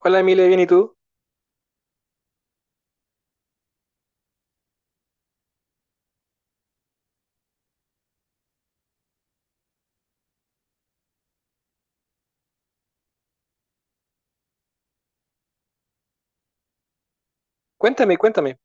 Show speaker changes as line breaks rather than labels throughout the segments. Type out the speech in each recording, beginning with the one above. Hola Emilia, bien, ¿y tú? Cuéntame, cuéntame.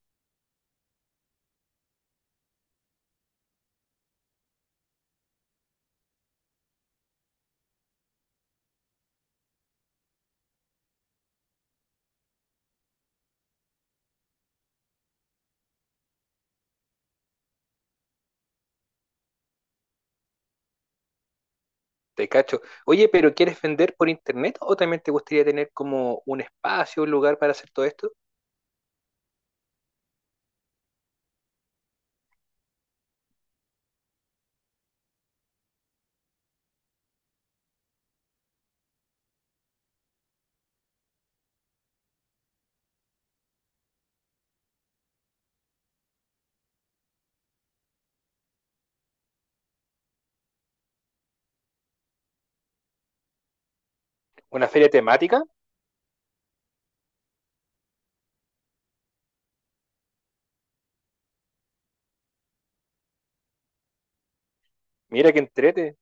Te cacho. Oye, pero ¿quieres vender por internet o también te gustaría tener como un espacio, un lugar para hacer todo esto? ¿Una feria temática? Mira que entrete.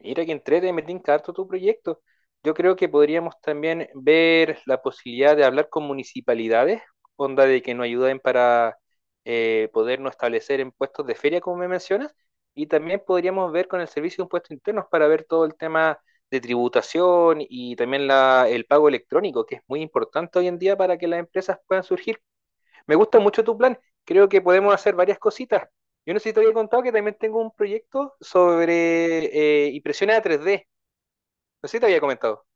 Mira que entrete, me tinca harto tu proyecto. Yo creo que podríamos también ver la posibilidad de hablar con municipalidades, onda de que nos ayuden para podernos establecer en puestos de feria, como me mencionas, y también podríamos ver con el servicio de impuestos internos para ver todo el tema de tributación y también el pago electrónico, que es muy importante hoy en día para que las empresas puedan surgir. Me gusta mucho tu plan. Creo que podemos hacer varias cositas. Yo no sé si te había contado que también tengo un proyecto sobre impresiones a 3D. No sé si te había comentado.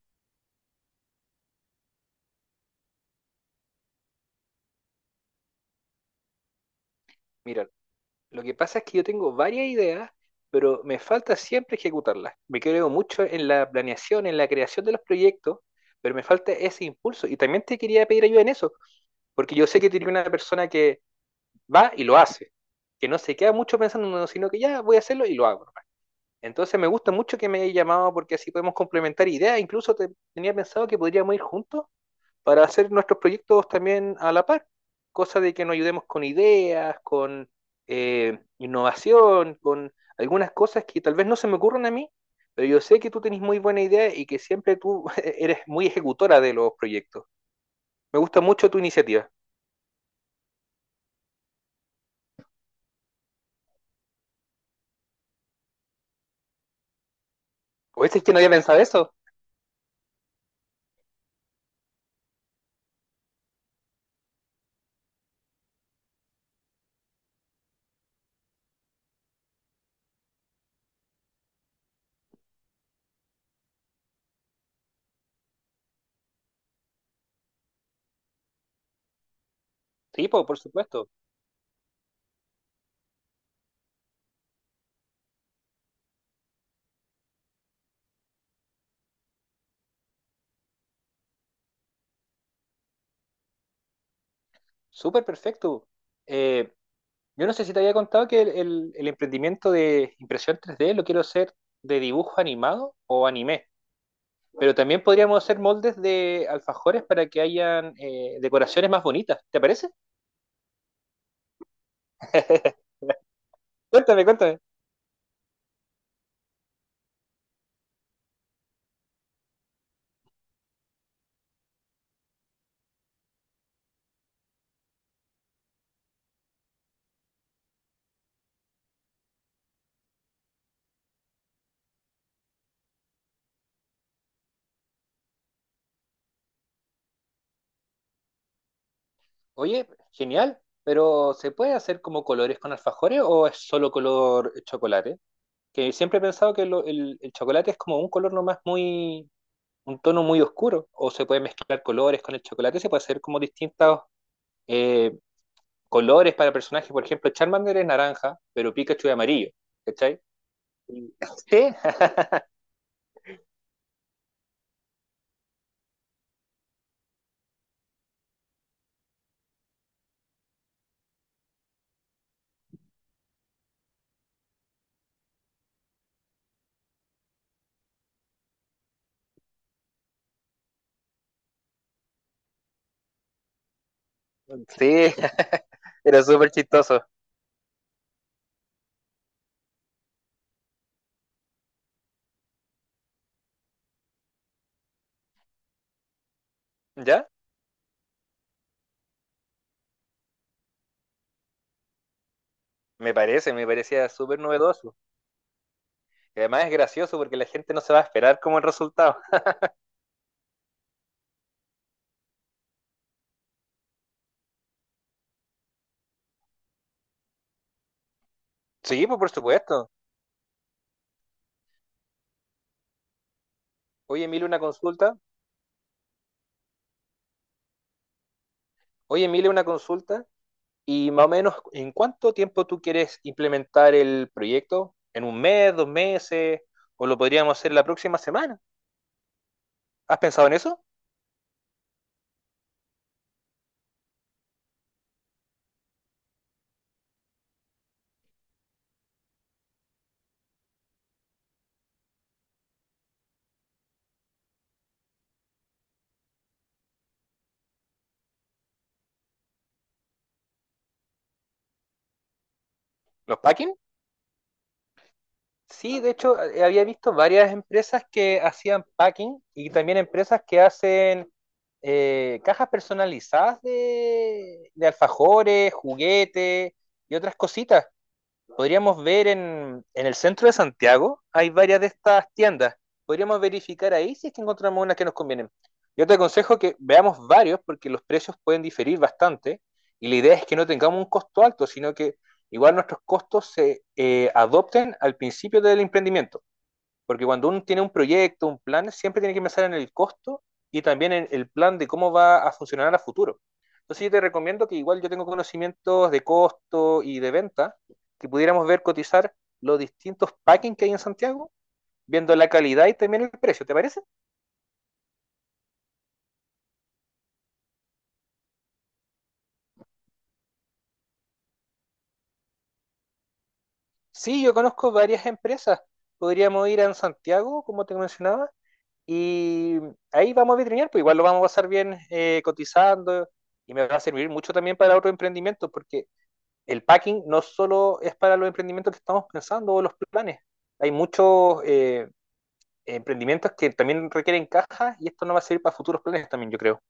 Mira, lo que pasa es que yo tengo varias ideas, pero me falta siempre ejecutarlas. Me creo mucho en la planeación, en la creación de los proyectos, pero me falta ese impulso. Y también te quería pedir ayuda en eso, porque yo sé que tiene una persona que va y lo hace, que no se queda mucho pensando, no, sino que ya voy a hacerlo y lo hago. Entonces me gusta mucho que me hayas llamado porque así podemos complementar ideas. Incluso tenía pensado que podríamos ir juntos para hacer nuestros proyectos también a la par. Cosa de que nos ayudemos con ideas, con innovación, con algunas cosas que tal vez no se me ocurran a mí, pero yo sé que tú tenés muy buena idea y que siempre tú eres muy ejecutora de los proyectos. Me gusta mucho tu iniciativa. ¿O es que no había pensado eso? Sí, po, por supuesto. Súper perfecto. Eh, Yo no sé si te había contado que el emprendimiento de impresión 3D lo quiero hacer de dibujo animado o anime, pero también podríamos hacer moldes de alfajores para que hayan decoraciones más bonitas, ¿te parece? Cuéntame, cuéntame. Oye, genial, pero ¿se puede hacer como colores con alfajores o es solo color chocolate? Que siempre he pensado que el chocolate es como un color nomás muy, un tono muy oscuro, o se puede mezclar colores con el chocolate, se puede hacer como distintos colores para personajes, por ejemplo, Charmander es naranja, pero Pikachu es amarillo, ¿cachai? Y- Sí, sí, era súper chistoso, ¿ya? Me parece, me parecía súper novedoso. Y además es gracioso porque la gente no se va a esperar como el resultado. Sí, pues por supuesto. Oye, Emilio, una consulta. Oye, Emilio, una consulta. Y más o menos, ¿en cuánto tiempo tú quieres implementar el proyecto? ¿En un mes, dos meses? ¿O lo podríamos hacer la próxima semana? ¿Has pensado en eso? ¿Los packing? Sí, de hecho, había visto varias empresas que hacían packing y también empresas que hacen cajas personalizadas de alfajores, juguetes y otras cositas podríamos ver en el centro de Santiago, hay varias de estas tiendas. Podríamos verificar ahí si es que encontramos unas que nos convienen. Yo te aconsejo que veamos varios porque los precios pueden diferir bastante y la idea es que no tengamos un costo alto, sino que igual nuestros costos se adopten al principio del emprendimiento. Porque cuando uno tiene un proyecto, un plan, siempre tiene que pensar en el costo y también en el plan de cómo va a funcionar a futuro. Entonces yo te recomiendo que igual yo tengo conocimientos de costo y de venta, que pudiéramos ver cotizar los distintos packings que hay en Santiago, viendo la calidad y también el precio, ¿te parece? Sí, yo conozco varias empresas. Podríamos ir a Santiago, como te mencionaba, y ahí vamos a vitrinear, pues igual lo vamos a pasar bien cotizando y me va a servir mucho también para otro emprendimiento, porque el packing no solo es para los emprendimientos que estamos pensando o los planes. Hay muchos emprendimientos que también requieren cajas y esto no va a servir para futuros planes también, yo creo.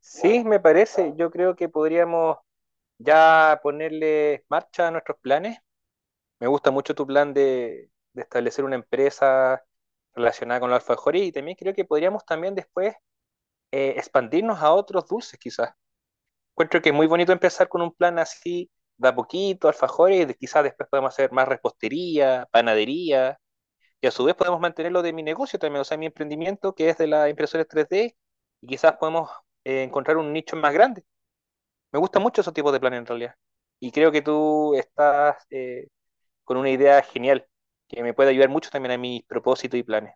Sí, me parece. Yo creo que podríamos ya ponerle marcha a nuestros planes. Me gusta mucho tu plan de establecer una empresa relacionada con los alfajores y también creo que podríamos también después expandirnos a otros dulces quizás. Encuentro que es muy bonito empezar con un plan así, de a poquito, alfajores, y quizás después podemos hacer más repostería, panadería, y a su vez podemos mantenerlo de mi negocio también, o sea, mi emprendimiento que es de las impresoras 3D, y quizás podemos encontrar un nicho más grande. Me gusta mucho esos tipos de planes en realidad, y creo que tú estás con una idea genial que me puede ayudar mucho también a mis propósitos y planes.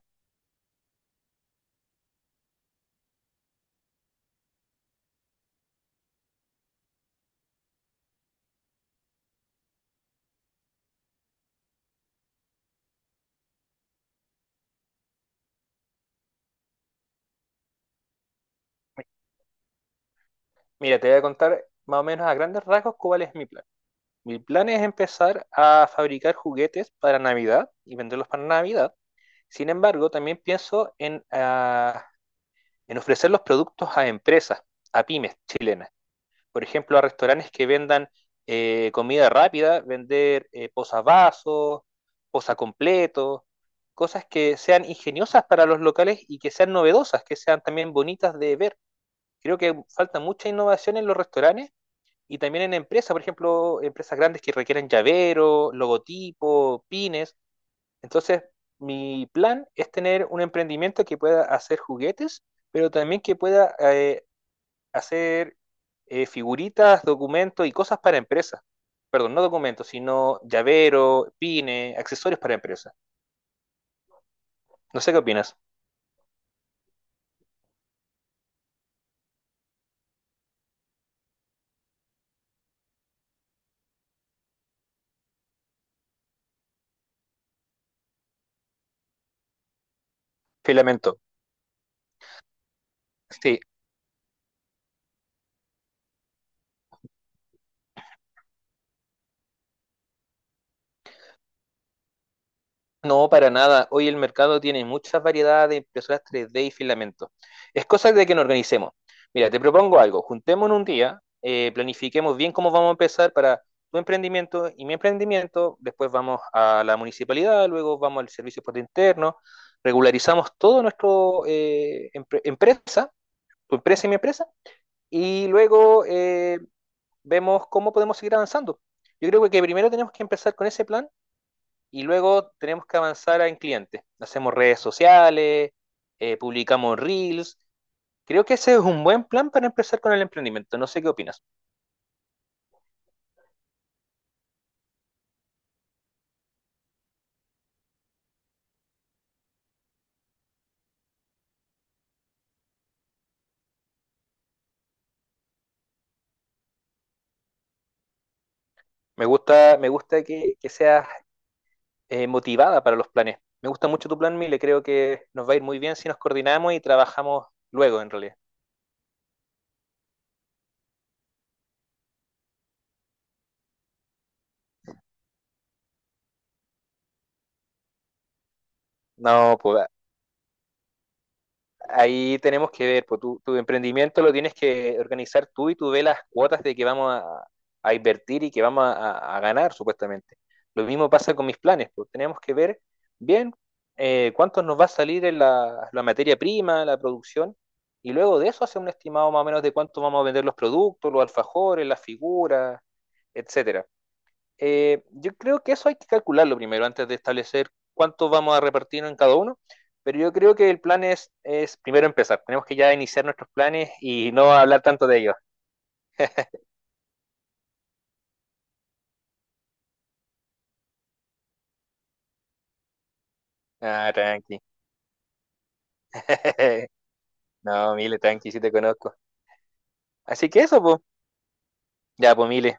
Mira, te voy a contar más o menos a grandes rasgos cuál es mi plan. Mi plan es empezar a fabricar juguetes para Navidad y venderlos para Navidad. Sin embargo, también pienso en, ah, en ofrecer los productos a empresas, a pymes chilenas. Por ejemplo, a restaurantes que vendan comida rápida, vender posavasos, posacompletos, cosas que sean ingeniosas para los locales y que sean novedosas, que sean también bonitas de ver. Creo que falta mucha innovación en los restaurantes y también en empresas, por ejemplo, empresas grandes que requieren llavero, logotipo, pines. Entonces, mi plan es tener un emprendimiento que pueda hacer juguetes, pero también que pueda hacer figuritas, documentos y cosas para empresas. Perdón, no documentos, sino llavero, pines, accesorios para empresas. No sé qué opinas. Filamento. Sí, no, para nada. Hoy el mercado tiene muchas variedades de impresoras 3D y filamentos. Es cosa de que nos organicemos. Mira, te propongo algo. Juntémonos un día, planifiquemos bien cómo vamos a empezar para tu emprendimiento y mi emprendimiento. Después vamos a la municipalidad, luego vamos al servicio por interno. Regularizamos todo nuestro empresa, tu empresa y mi empresa, y luego vemos cómo podemos seguir avanzando. Yo creo que primero tenemos que empezar con ese plan y luego tenemos que avanzar en clientes. Hacemos redes sociales, publicamos reels. Creo que ese es un buen plan para empezar con el emprendimiento. No sé qué opinas. Me gusta que seas motivada para los planes. Me gusta mucho tu plan, Mile. Creo que nos va a ir muy bien si nos coordinamos y trabajamos luego, en realidad. No, pues ahí tenemos que ver, pues tu emprendimiento lo tienes que organizar tú y tú ves las cuotas de que vamos a invertir y que vamos a ganar, supuestamente. Lo mismo pasa con mis planes, pues tenemos que ver bien cuánto nos va a salir en la materia prima, la producción, y luego de eso hacer un estimado más o menos de cuánto vamos a vender los productos, los alfajores, las figuras, etcétera. Yo creo que eso hay que calcularlo primero antes de establecer cuánto vamos a repartir en cada uno, pero yo creo que el plan es primero empezar. Tenemos que ya iniciar nuestros planes y no hablar tanto de ellos. Ah, tranqui. No, Mile, tranqui, sí te conozco. Así que eso, pues. Ya, pues, Mile.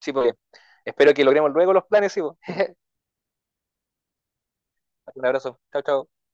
Sí, pues. Espero que logremos luego los planes, sí, pues. Un abrazo. Chao, chao.